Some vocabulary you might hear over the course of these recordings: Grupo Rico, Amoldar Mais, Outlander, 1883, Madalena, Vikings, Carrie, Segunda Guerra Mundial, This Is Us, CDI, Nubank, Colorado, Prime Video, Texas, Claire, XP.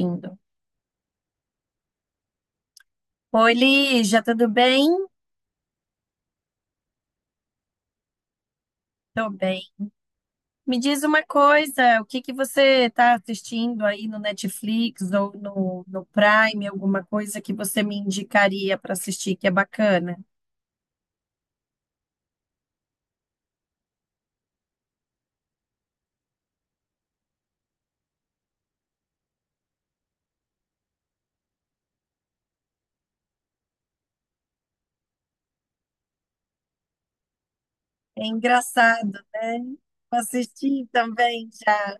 Indo. Oi, Lígia, tudo bem? Tô bem. Me diz uma coisa, o que que você está assistindo aí no Netflix ou no Prime, alguma coisa que você me indicaria para assistir que é bacana? É engraçado, né? Eu assisti também já.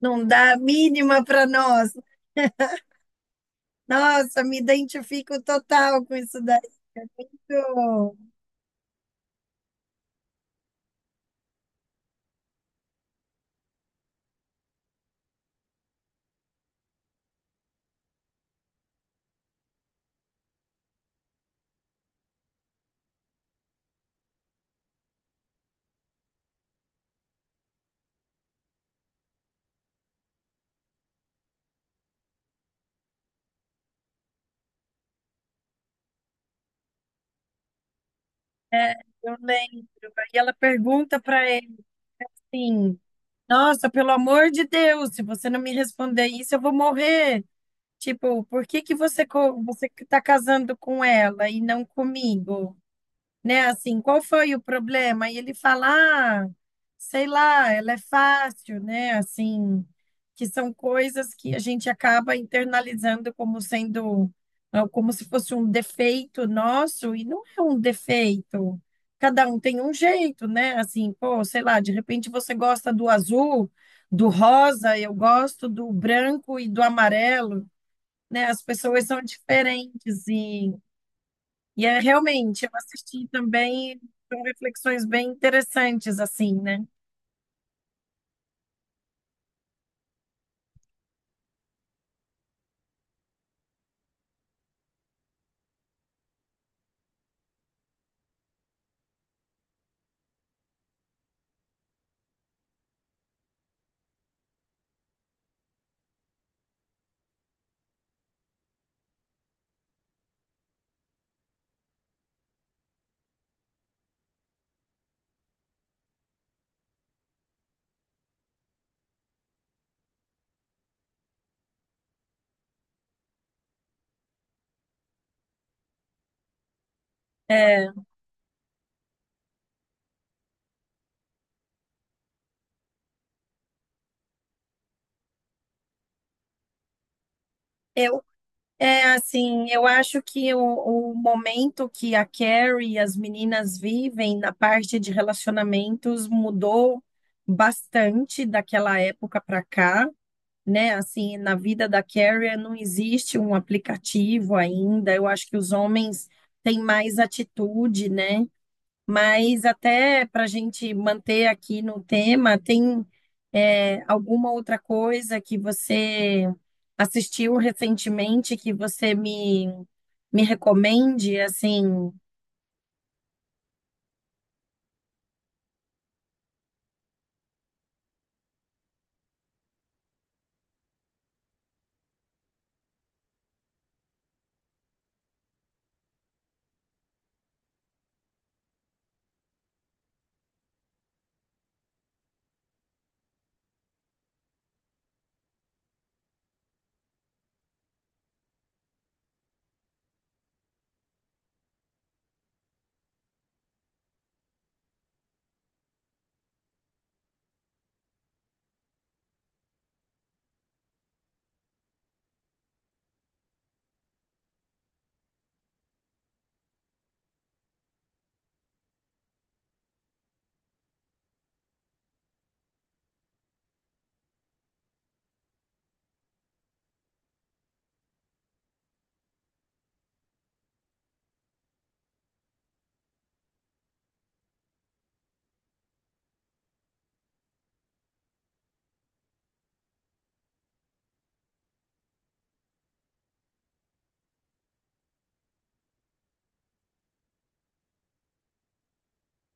Não dá a mínima para nós. Nossa, me identifico total com isso daí. Eu eu lembro. E ela pergunta para ele, sim. Nossa, pelo amor de Deus, se você não me responder isso, eu vou morrer. Tipo, por que que você, você que tá casando com ela e não comigo? Né? Assim, qual foi o problema? E ele fala, ah, sei lá, ela é fácil, né? Assim, que são coisas que a gente acaba internalizando como sendo, ah, como se fosse um defeito nosso, e não é um defeito. Cada um tem um jeito, né? Assim, pô, sei lá, de repente você gosta do azul, do rosa, eu gosto do branco e do amarelo, né? As pessoas são diferentes, e é realmente, eu assisti também, são reflexões bem interessantes, assim, né? É, eu, é assim, eu acho que o momento que a Carrie e as meninas vivem na parte de relacionamentos mudou bastante daquela época para cá, né? Assim, na vida da Carrie não existe um aplicativo ainda. Eu acho que os homens têm mais atitude, né? Mas até para a gente manter aqui no tema, tem alguma outra coisa que você assistiu recentemente que você me recomende? Assim,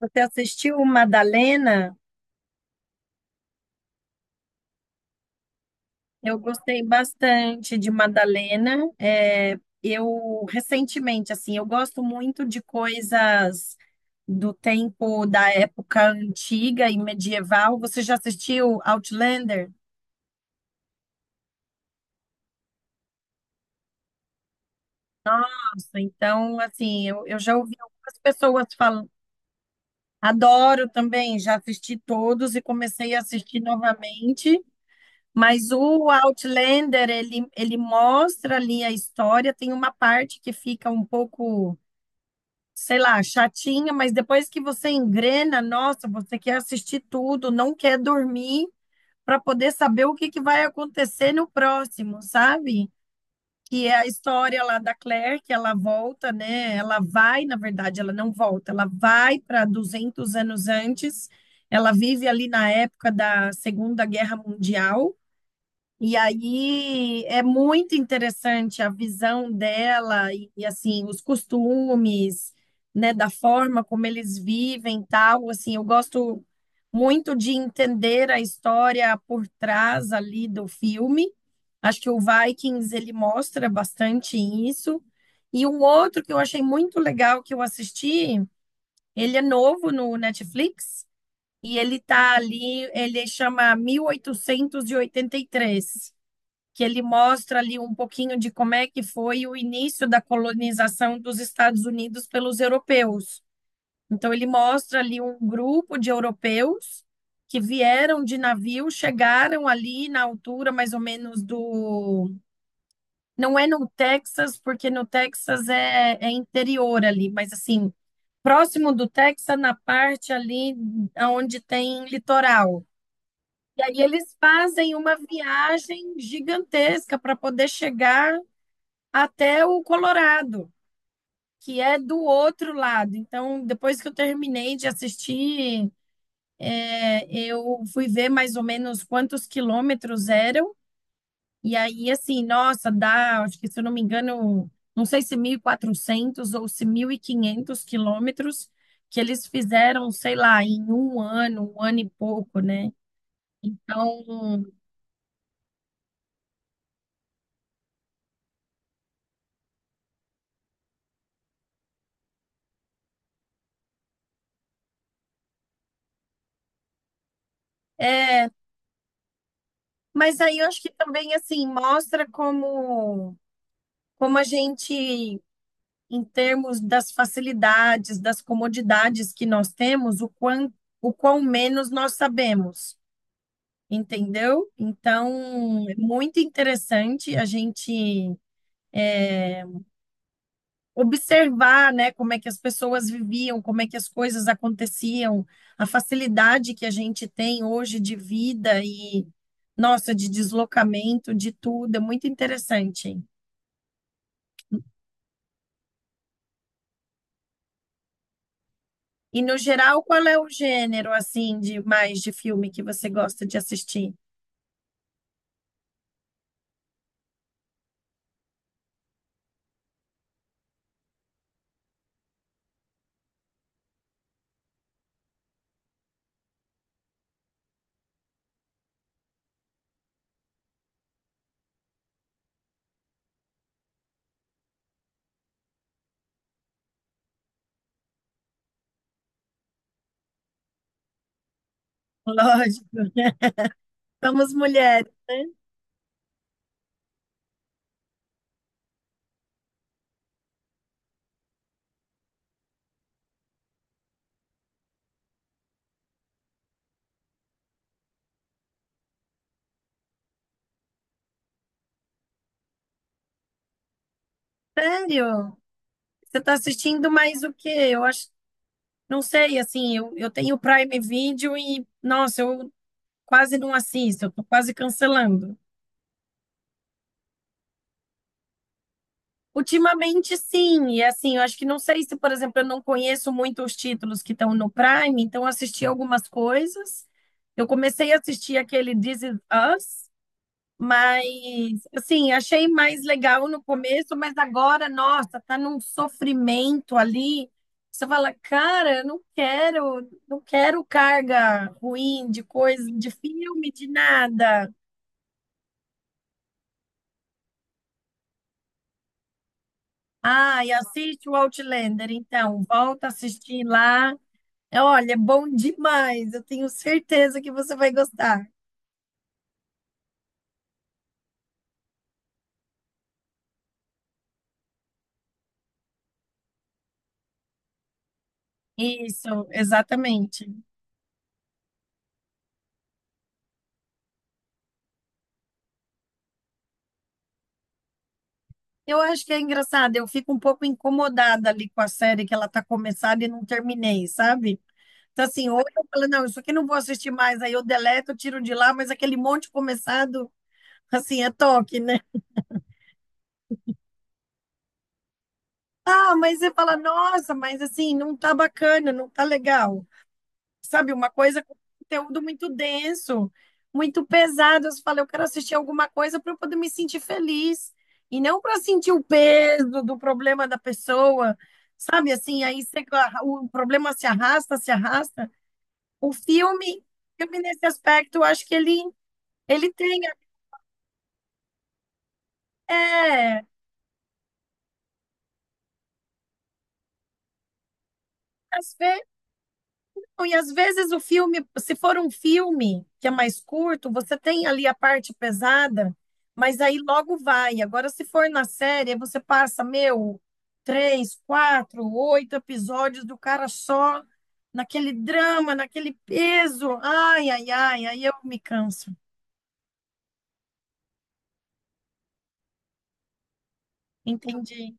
você assistiu Madalena? Eu gostei bastante de Madalena. É, eu recentemente, assim, eu gosto muito de coisas do tempo da época antiga e medieval. Você já assistiu Outlander? Então, assim, eu já ouvi algumas pessoas falando. Adoro também, já assisti todos e comecei a assistir novamente. Mas o Outlander, ele mostra ali a história. Tem uma parte que fica um pouco, sei lá, chatinha, mas depois que você engrena, nossa, você quer assistir tudo, não quer dormir para poder saber o que que vai acontecer no próximo, sabe? Que é a história lá da Claire, que ela volta, né? Ela vai, na verdade, ela não volta, ela vai para 200 anos antes. Ela vive ali na época da Segunda Guerra Mundial e aí é muito interessante a visão dela e, assim os costumes, né, da forma como eles vivem, tal, assim, eu gosto muito de entender a história por trás ali do filme. Acho que o Vikings ele mostra bastante isso. E um outro que eu achei muito legal que eu assisti, ele é novo no Netflix e ele tá ali, ele chama 1883, que ele mostra ali um pouquinho de como é que foi o início da colonização dos Estados Unidos pelos europeus. Então, ele mostra ali um grupo de europeus que vieram de navio, chegaram ali na altura mais ou menos do. Não é no Texas, porque no Texas é interior ali, mas assim, próximo do Texas, na parte ali onde tem litoral. E aí eles fazem uma viagem gigantesca para poder chegar até o Colorado, que é do outro lado. Então, depois que eu terminei de assistir, eu fui ver mais ou menos quantos quilômetros eram. E aí, assim, nossa, dá, acho que se eu não me engano, não sei se 1.400 ou se 1.500 quilômetros que eles fizeram, sei lá, em um ano e pouco, né? Então, é. Mas aí eu acho que também, assim, mostra como, a gente em termos das facilidades, das comodidades que nós temos, o quão menos nós sabemos, entendeu? Então, é muito interessante a gente observar, né, como é que as pessoas viviam, como é que as coisas aconteciam, a facilidade que a gente tem hoje de vida e, nossa, de deslocamento, de tudo, é muito interessante. E no geral, qual é o gênero assim de mais de filme que você gosta de assistir? Lógico. Vamos, mulher. Sério? Você tá assistindo mais o quê? Eu acho, não sei, assim, eu tenho Prime Video e, nossa, eu quase não assisto, eu tô quase cancelando. Ultimamente, sim, e assim, eu acho que não sei se, por exemplo, eu não conheço muito os títulos que estão no Prime, então eu assisti algumas coisas. Eu comecei a assistir aquele This Is Us. Mas, assim, achei mais legal no começo, mas agora, nossa, tá num sofrimento ali. Você fala, cara, eu não quero, não quero carga ruim de coisa, de filme, de nada. Ah, e assiste o Outlander, então, volta a assistir lá. É, olha, é bom demais, eu tenho certeza que você vai gostar. Isso, exatamente. Eu acho que é engraçado, eu fico um pouco incomodada ali com a série que ela tá começada e não terminei, sabe? Então, assim, hoje eu falo, não, isso aqui eu não vou assistir mais, aí eu deleto, eu tiro de lá, mas aquele monte começado, assim, é toque, né? Ah, mas você fala, nossa, mas assim, não tá bacana, não tá legal. Sabe, uma coisa com conteúdo muito denso, muito pesado. Eu falei, eu quero assistir alguma coisa para eu poder me sentir feliz e não para sentir o peso do problema da pessoa, sabe? Assim, aí você- ah, o problema se arrasta, se arrasta. O filme nesse aspecto, eu acho que ele tem, é, às vezes. Não, e às vezes o filme, se for um filme que é mais curto, você tem ali a parte pesada, mas aí logo vai. Agora, se for na série, aí você passa, meu, três, quatro, 8 episódios do cara só naquele drama, naquele peso. Ai, ai, ai, aí eu me canso. Entendi,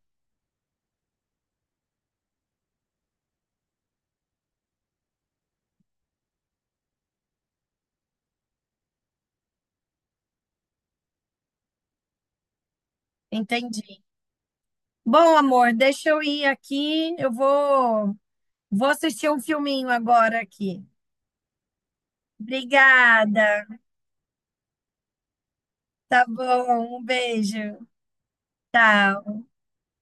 entendi. Bom, amor, deixa eu ir aqui. Eu vou assistir um filminho agora aqui. Obrigada. Tá bom, um beijo. Tchau.